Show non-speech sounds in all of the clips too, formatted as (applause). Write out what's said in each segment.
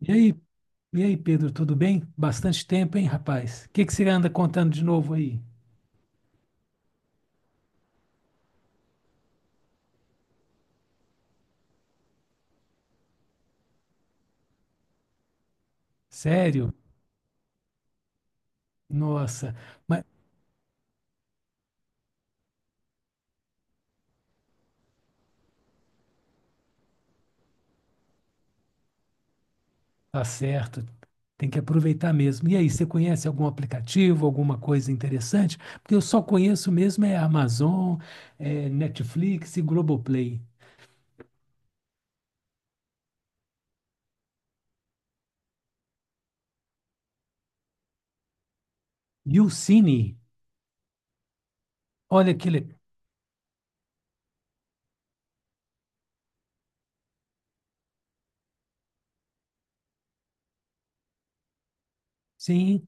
E aí, Pedro, tudo bem? Bastante tempo, hein, rapaz? O que que você anda contando de novo aí? Sério? Nossa, mas tá certo. Tem que aproveitar mesmo. E aí, você conhece algum aplicativo, alguma coisa interessante? Porque eu só conheço mesmo é Amazon, é Netflix e Globoplay. E o Cine, olha. Sim,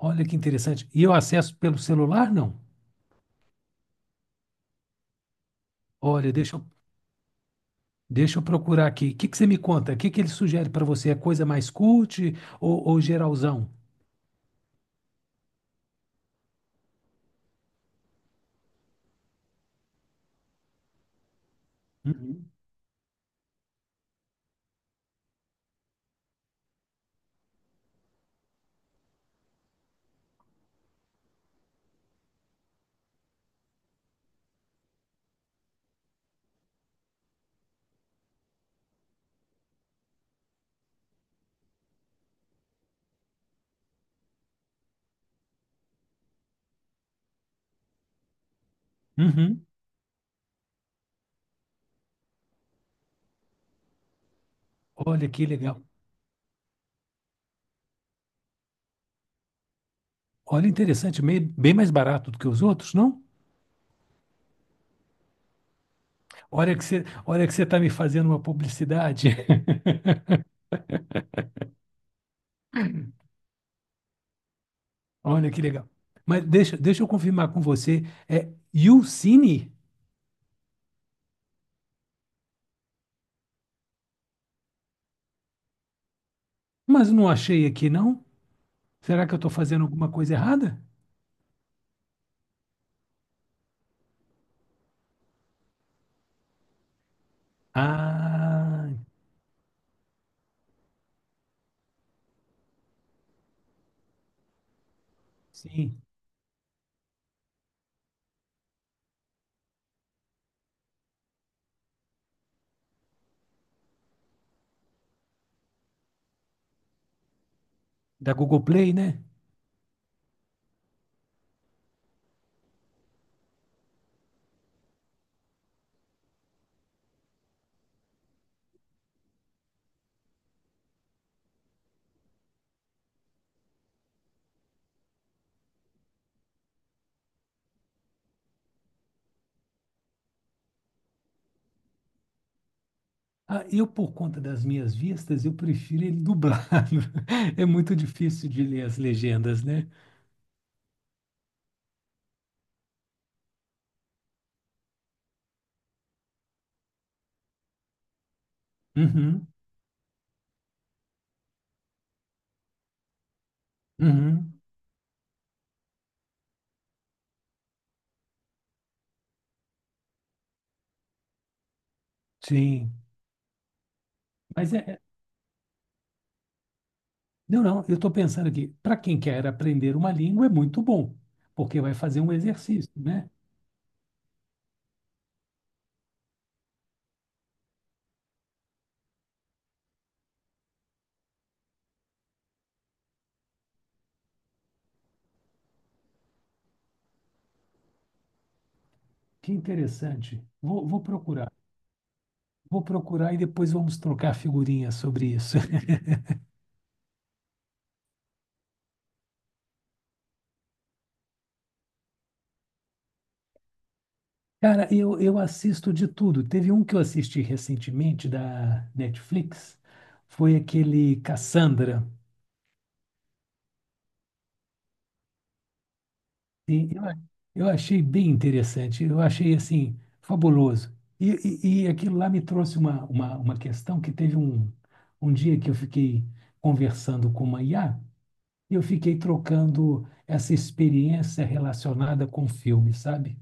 olha que interessante. E eu acesso pelo celular, não? Olha, deixa eu Deixa eu procurar aqui. O que que você me conta? O que que ele sugere para você? É coisa mais cult ou geralzão? Uhum. Uhum. Olha que legal. Olha, interessante, meio- bem mais barato do que os outros, não? Olha que você está me fazendo uma publicidade. (laughs) Olha que legal. Deixa eu confirmar com você. É Youcine? Mas não achei aqui, não? Será que eu estou fazendo alguma coisa errada? Ah, sim. Da Google Play, né? Por conta das minhas vistas, eu prefiro ele dublado. (laughs) É muito difícil de ler as legendas, né? Uhum, uhum, sim. Mas é. é- Não, não, eu estou pensando aqui, para quem quer aprender uma língua é muito bom, porque vai fazer um exercício, né? Que interessante. Vou procurar. Vou procurar e depois vamos trocar figurinhas sobre isso. (laughs) Eu assisto de tudo. Teve um que eu assisti recentemente da Netflix, foi aquele Cassandra. Sim, eu, a- eu achei bem interessante, eu achei assim, fabuloso. E, e aquilo lá me trouxe uma questão que teve um dia que eu fiquei conversando com uma IA e eu fiquei trocando essa experiência relacionada com filme, sabe?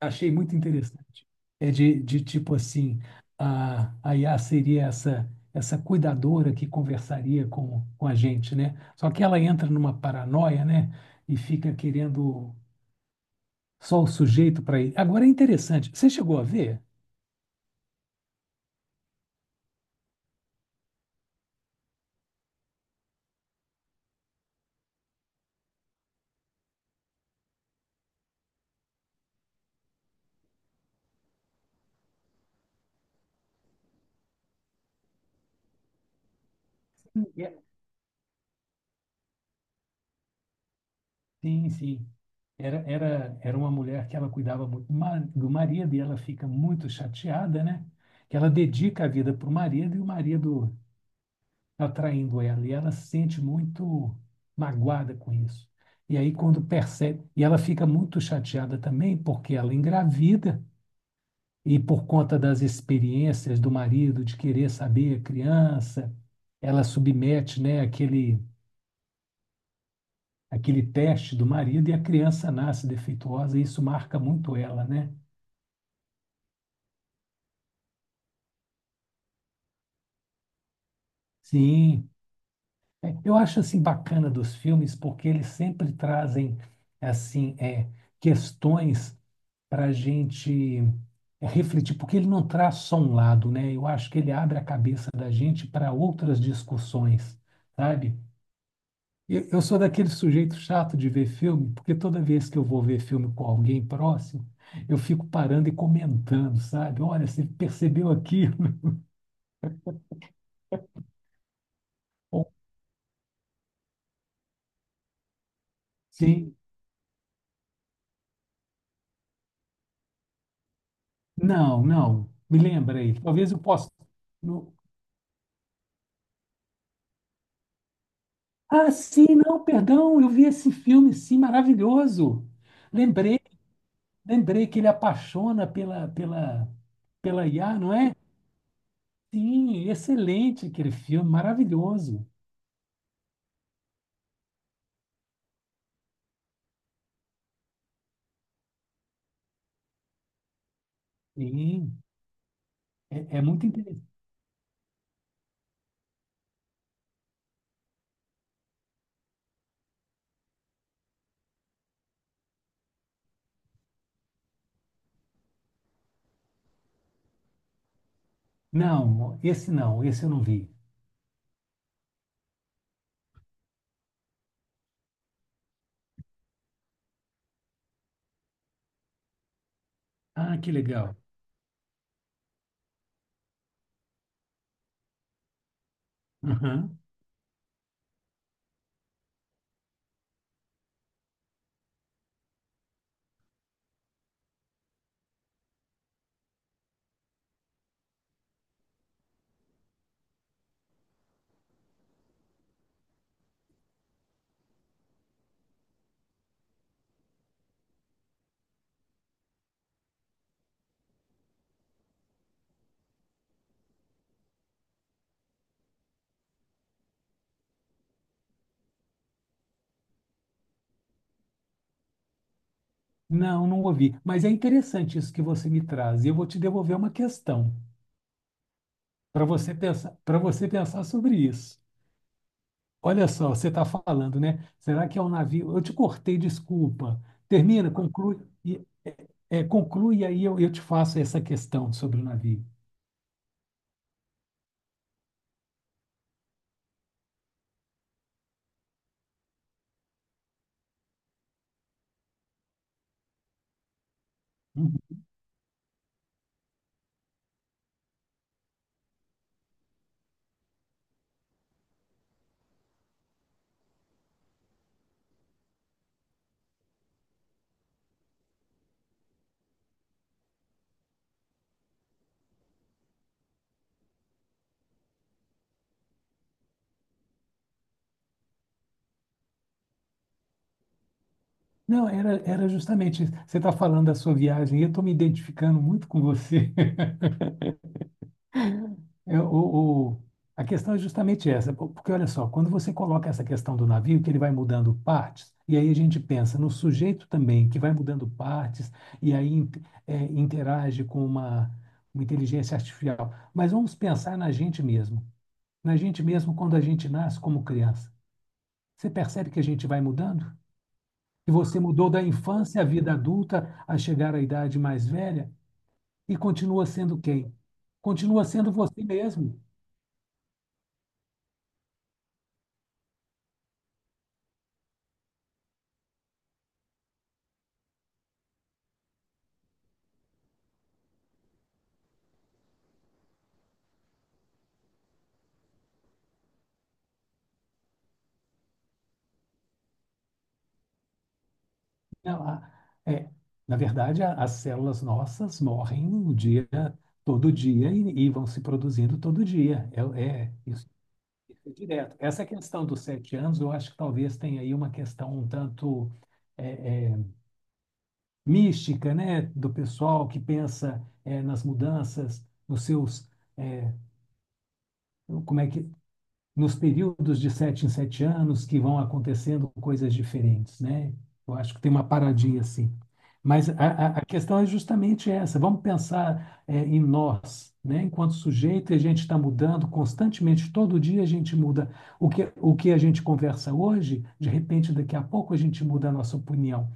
Achei muito interessante. É de tipo assim, a IA seria essa, essa cuidadora que conversaria com a gente, né? Só que ela entra numa paranoia, né? E fica querendo só o sujeito para ele. Agora é interessante. Você chegou a ver? Sim, é- sim. Sim. Era uma mulher que ela cuidava muito ma- do marido e ela fica muito chateada, né? Que ela dedica a vida para o marido e o marido tá traindo ela. E ela se sente muito magoada com isso. E aí, quando percebe. E ela fica muito chateada também porque ela engravida e por conta das experiências do marido de querer saber a criança, ela submete, né, aquele teste do marido e a criança nasce defeituosa e isso marca muito ela, né? Sim. É, eu acho assim bacana dos filmes porque eles sempre trazem assim é, questões para a gente é, refletir, porque ele não traz só um lado, né? Eu acho que ele abre a cabeça da gente para outras discussões, sabe? Eu sou daquele sujeito chato de ver filme, porque toda vez que eu vou ver filme com alguém próximo, eu fico parando e comentando, sabe? Olha, você percebeu aquilo? (laughs) Ou, sim. Não, não. Me lembra aí. Talvez eu possa. não- Ah, sim, não, perdão. Eu vi esse filme, sim, maravilhoso. Lembrei, lembrei que ele apaixona pela IA, não é? Sim, excelente aquele filme, maravilhoso. Sim, é, é muito interessante. Não, esse não, esse eu não vi. Ah, que legal. Aham. Não, não ouvi. Mas é interessante isso que você me traz. E eu vou te devolver uma questão para você pensar sobre isso. Olha só, você está falando, né? Será que é um navio? Eu te cortei, desculpa. Termina, conclui, e- é, conclui e aí eu te faço essa questão sobre o navio. Uhum. Não, era justamente isso. Você está falando da sua viagem e eu estou me identificando muito com você. É, o, o- a questão é justamente essa, po- porque olha só, quando você coloca essa questão do navio, que ele vai mudando partes, e aí a gente pensa no sujeito também, que vai mudando partes, e aí in- é, interage com uma inteligência artificial. Mas vamos pensar na gente mesmo quando a gente nasce como criança. Você percebe que a gente vai mudando? Que você mudou da infância à vida adulta, a chegar à idade mais velha, e continua sendo quem? Continua sendo você mesmo. Ela, é, na verdade, a- as células nossas morrem o dia, todo dia e vão se produzindo todo dia. É, é isso é direto. Essa questão dos 7 anos, eu acho que talvez tenha aí uma questão um tanto é, é, mística, né, do pessoal que pensa é, nas mudanças, nos seus, é, como é que nos períodos de 7 em 7 anos que vão acontecendo coisas diferentes, né? Eu acho que tem uma paradinha assim. Mas a questão é justamente essa. Vamos pensar em nós, né? Enquanto sujeito, e a gente está mudando constantemente. Todo dia a gente muda o que a gente conversa hoje. De repente, daqui a pouco a gente muda a nossa opinião.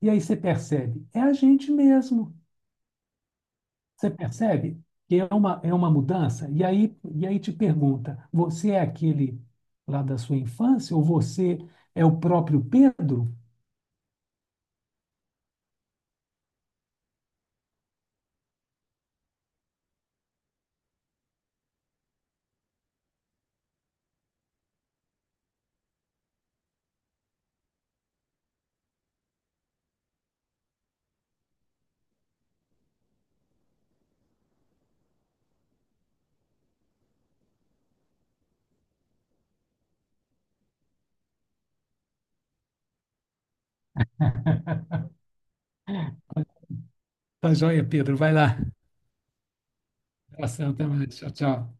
E aí você percebe, é a gente mesmo. Você percebe que é é uma mudança? E aí te pergunta: você é aquele lá da sua infância ou você é o próprio Pedro? (laughs) Tá joia, Pedro. Vai lá. Abração, até mais. Tchau, tchau.